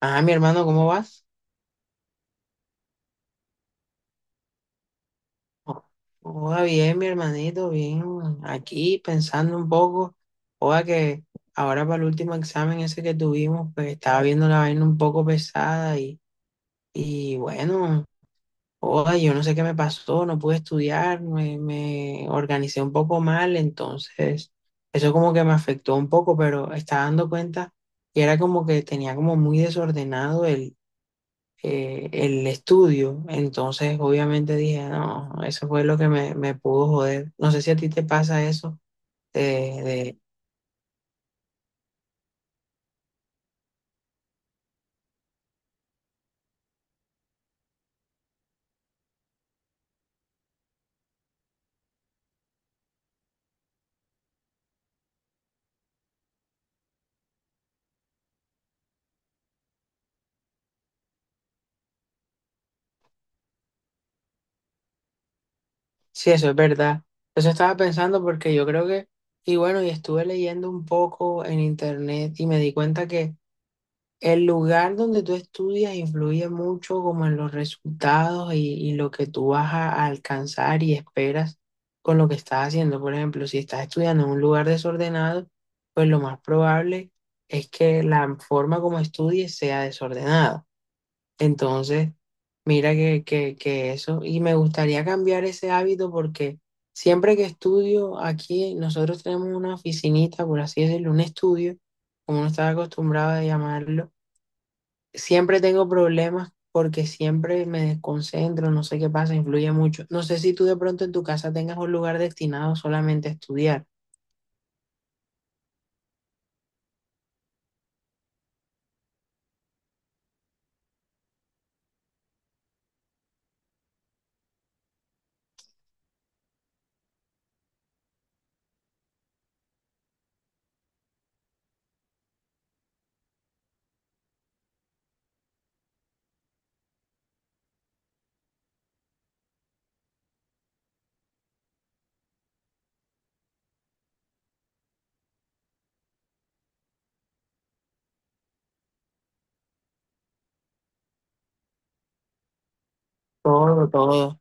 Ah, mi hermano, ¿cómo vas? Hola, bien, mi hermanito, bien. Aquí pensando un poco. Hola, que ahora para el último examen ese que tuvimos, pues estaba viendo la vaina un poco pesada y bueno, hola, yo no sé qué me pasó, no pude estudiar, me organicé un poco mal, entonces eso como que me afectó un poco, pero estaba dando cuenta y era como que tenía como muy desordenado, el estudio. Entonces, obviamente dije, no, eso fue lo que me pudo joder. No sé si a ti te pasa eso, de, de- sí, eso es verdad. Eso estaba pensando porque yo creo que, y bueno, y estuve leyendo un poco en internet y me di cuenta que el lugar donde tú estudias influye mucho como en los resultados y lo que tú vas a alcanzar y esperas con lo que estás haciendo. Por ejemplo, si estás estudiando en un lugar desordenado, pues lo más probable es que la forma como estudies sea desordenada. Entonces, mira que eso, y me gustaría cambiar ese hábito porque siempre que estudio aquí, nosotros tenemos una oficinita, por así decirlo, un estudio, como uno está acostumbrado a llamarlo. Siempre tengo problemas porque siempre me desconcentro, no sé qué pasa, influye mucho. No sé si tú de pronto en tu casa tengas un lugar destinado solamente a estudiar. Todo, todo.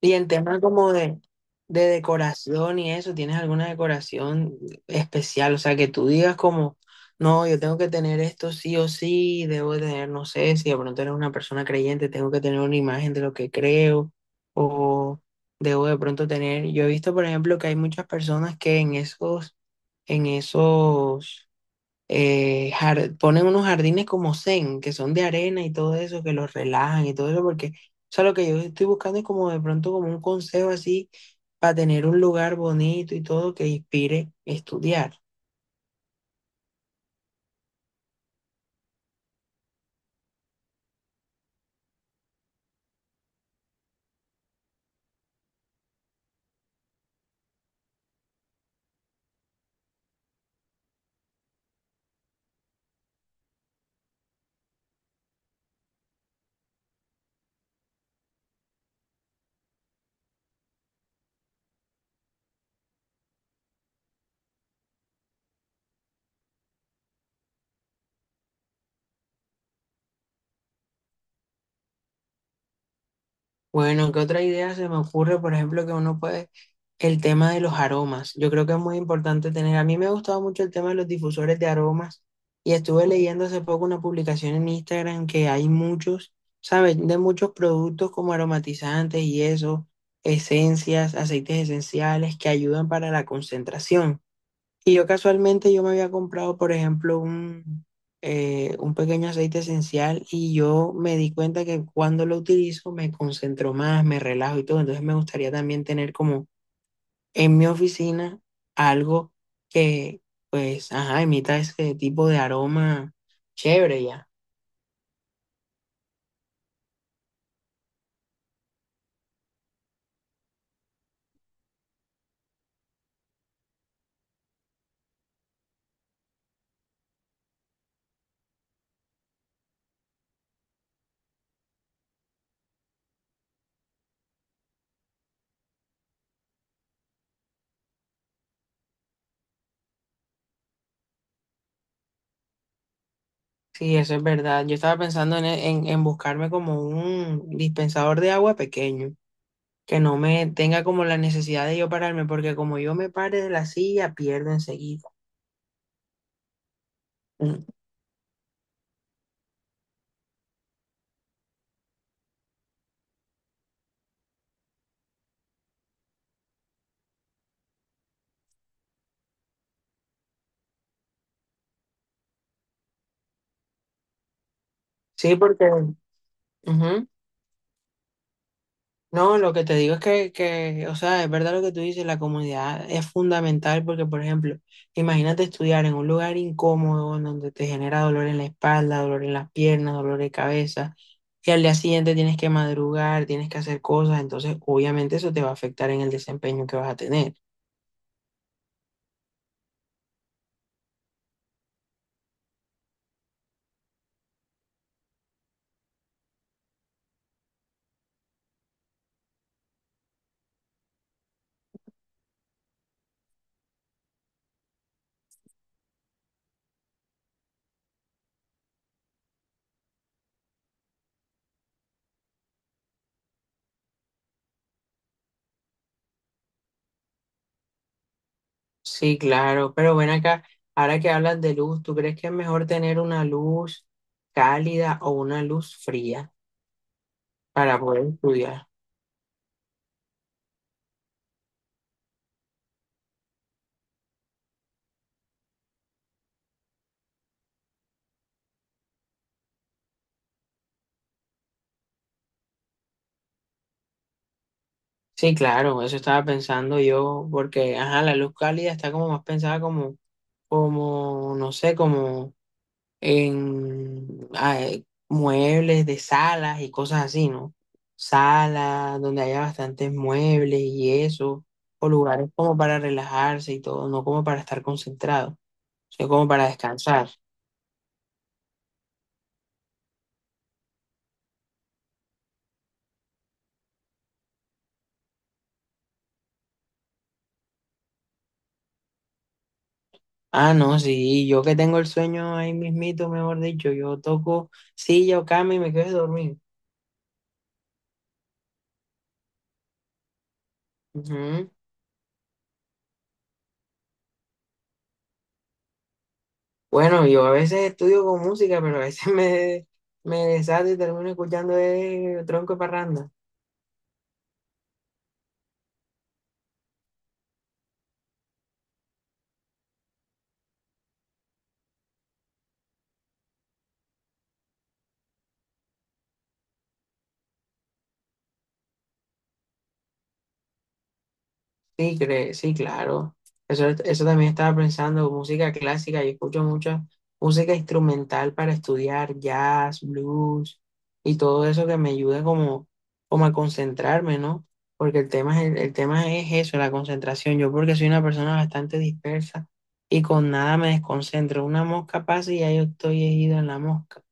Y en temas como de decoración y eso, ¿tienes alguna decoración especial? O sea, que tú digas como, no, yo tengo que tener esto sí o sí, debo de tener, no sé, si de pronto eres una persona creyente, tengo que tener una imagen de lo que creo o debo de pronto tener. Yo he visto, por ejemplo, que hay muchas personas que en esos en esos, ponen unos jardines como zen, que son de arena y todo eso, que los relajan y todo eso, porque, o sea, lo que yo estoy buscando es como de pronto como un consejo así para tener un lugar bonito y todo que inspire estudiar. Bueno, ¿qué otra idea se me ocurre? Por ejemplo, que uno puede, el tema de los aromas. Yo creo que es muy importante tener, a mí me ha gustado mucho el tema de los difusores de aromas y estuve leyendo hace poco una publicación en Instagram que hay muchos, ¿sabes? De muchos productos como aromatizantes y eso, esencias, aceites esenciales que ayudan para la concentración. Y yo casualmente yo me había comprado, por ejemplo, un pequeño aceite esencial y yo me di cuenta que cuando lo utilizo me concentro más, me relajo y todo. Entonces me gustaría también tener como en mi oficina algo que, pues, ajá, emita ese tipo de aroma chévere ya. Sí, eso es verdad. Yo estaba pensando en buscarme como un dispensador de agua pequeño que no me tenga como la necesidad de yo pararme, porque como yo me pare de la silla, pierdo enseguida. Mm, sí, porque, ujú. No, lo que te digo es que, o sea, es verdad lo que tú dices, la comunidad es fundamental porque, por ejemplo, imagínate estudiar en un lugar incómodo en donde te genera dolor en la espalda, dolor en las piernas, dolor de cabeza, y al día siguiente tienes que madrugar, tienes que hacer cosas, entonces obviamente eso te va a afectar en el desempeño que vas a tener. Sí, claro, pero bueno, acá, ahora que hablas de luz, ¿tú crees que es mejor tener una luz cálida o una luz fría para poder estudiar? Sí, claro, eso estaba pensando yo, porque, ajá, la luz cálida está como más pensada como, como, no sé, como en muebles de salas y cosas así, ¿no? Salas donde haya bastantes muebles y eso, o lugares como para relajarse y todo, no como para estar concentrado, sino como para descansar. Ah, no, sí, yo que tengo el sueño ahí mismito, mejor dicho, yo toco silla o cama y me quedo dormido. Ujú. Bueno, yo a veces estudio con música, pero a veces me desato y termino escuchando tronco de parranda. Sí, claro. Eso también estaba pensando, música clásica. Yo escucho mucha música instrumental para estudiar, jazz, blues y todo eso que me ayude como, como a concentrarme, ¿no? Porque el tema, es el tema es eso, la concentración. Yo porque soy una persona bastante dispersa y con nada me desconcentro. Una mosca pasa y ya yo estoy ido en la mosca.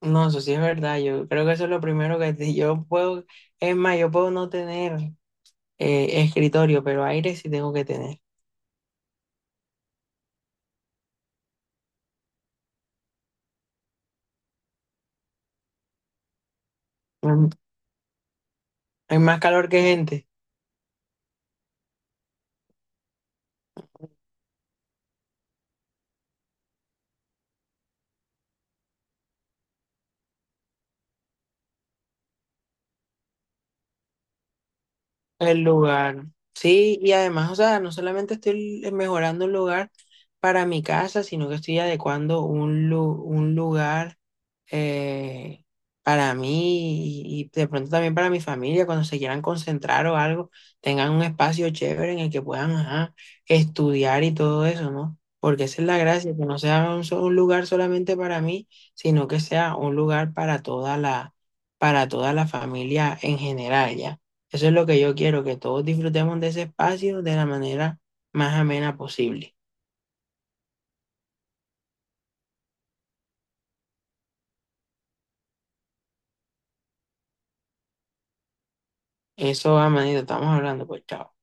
No, eso sí es verdad. Yo creo que eso es lo primero que te- yo puedo. Es más, yo puedo no tener escritorio, pero aire sí tengo que tener. Mm, hay más calor que gente. El lugar. Sí, y además, o sea, no solamente estoy mejorando un lugar para mi casa, sino que estoy adecuando un, lu- un lugar, eh, para mí y de pronto también para mi familia, cuando se quieran concentrar o algo, tengan un espacio chévere en el que puedan ajá, estudiar y todo eso, ¿no? Porque esa es la gracia, que no sea un, so- un lugar solamente para mí, sino que sea un lugar para toda la familia en general, ¿ya? Eso es lo que yo quiero, que todos disfrutemos de ese espacio de la manera más amena posible. Eso, amanito, estamos hablando, pues chao.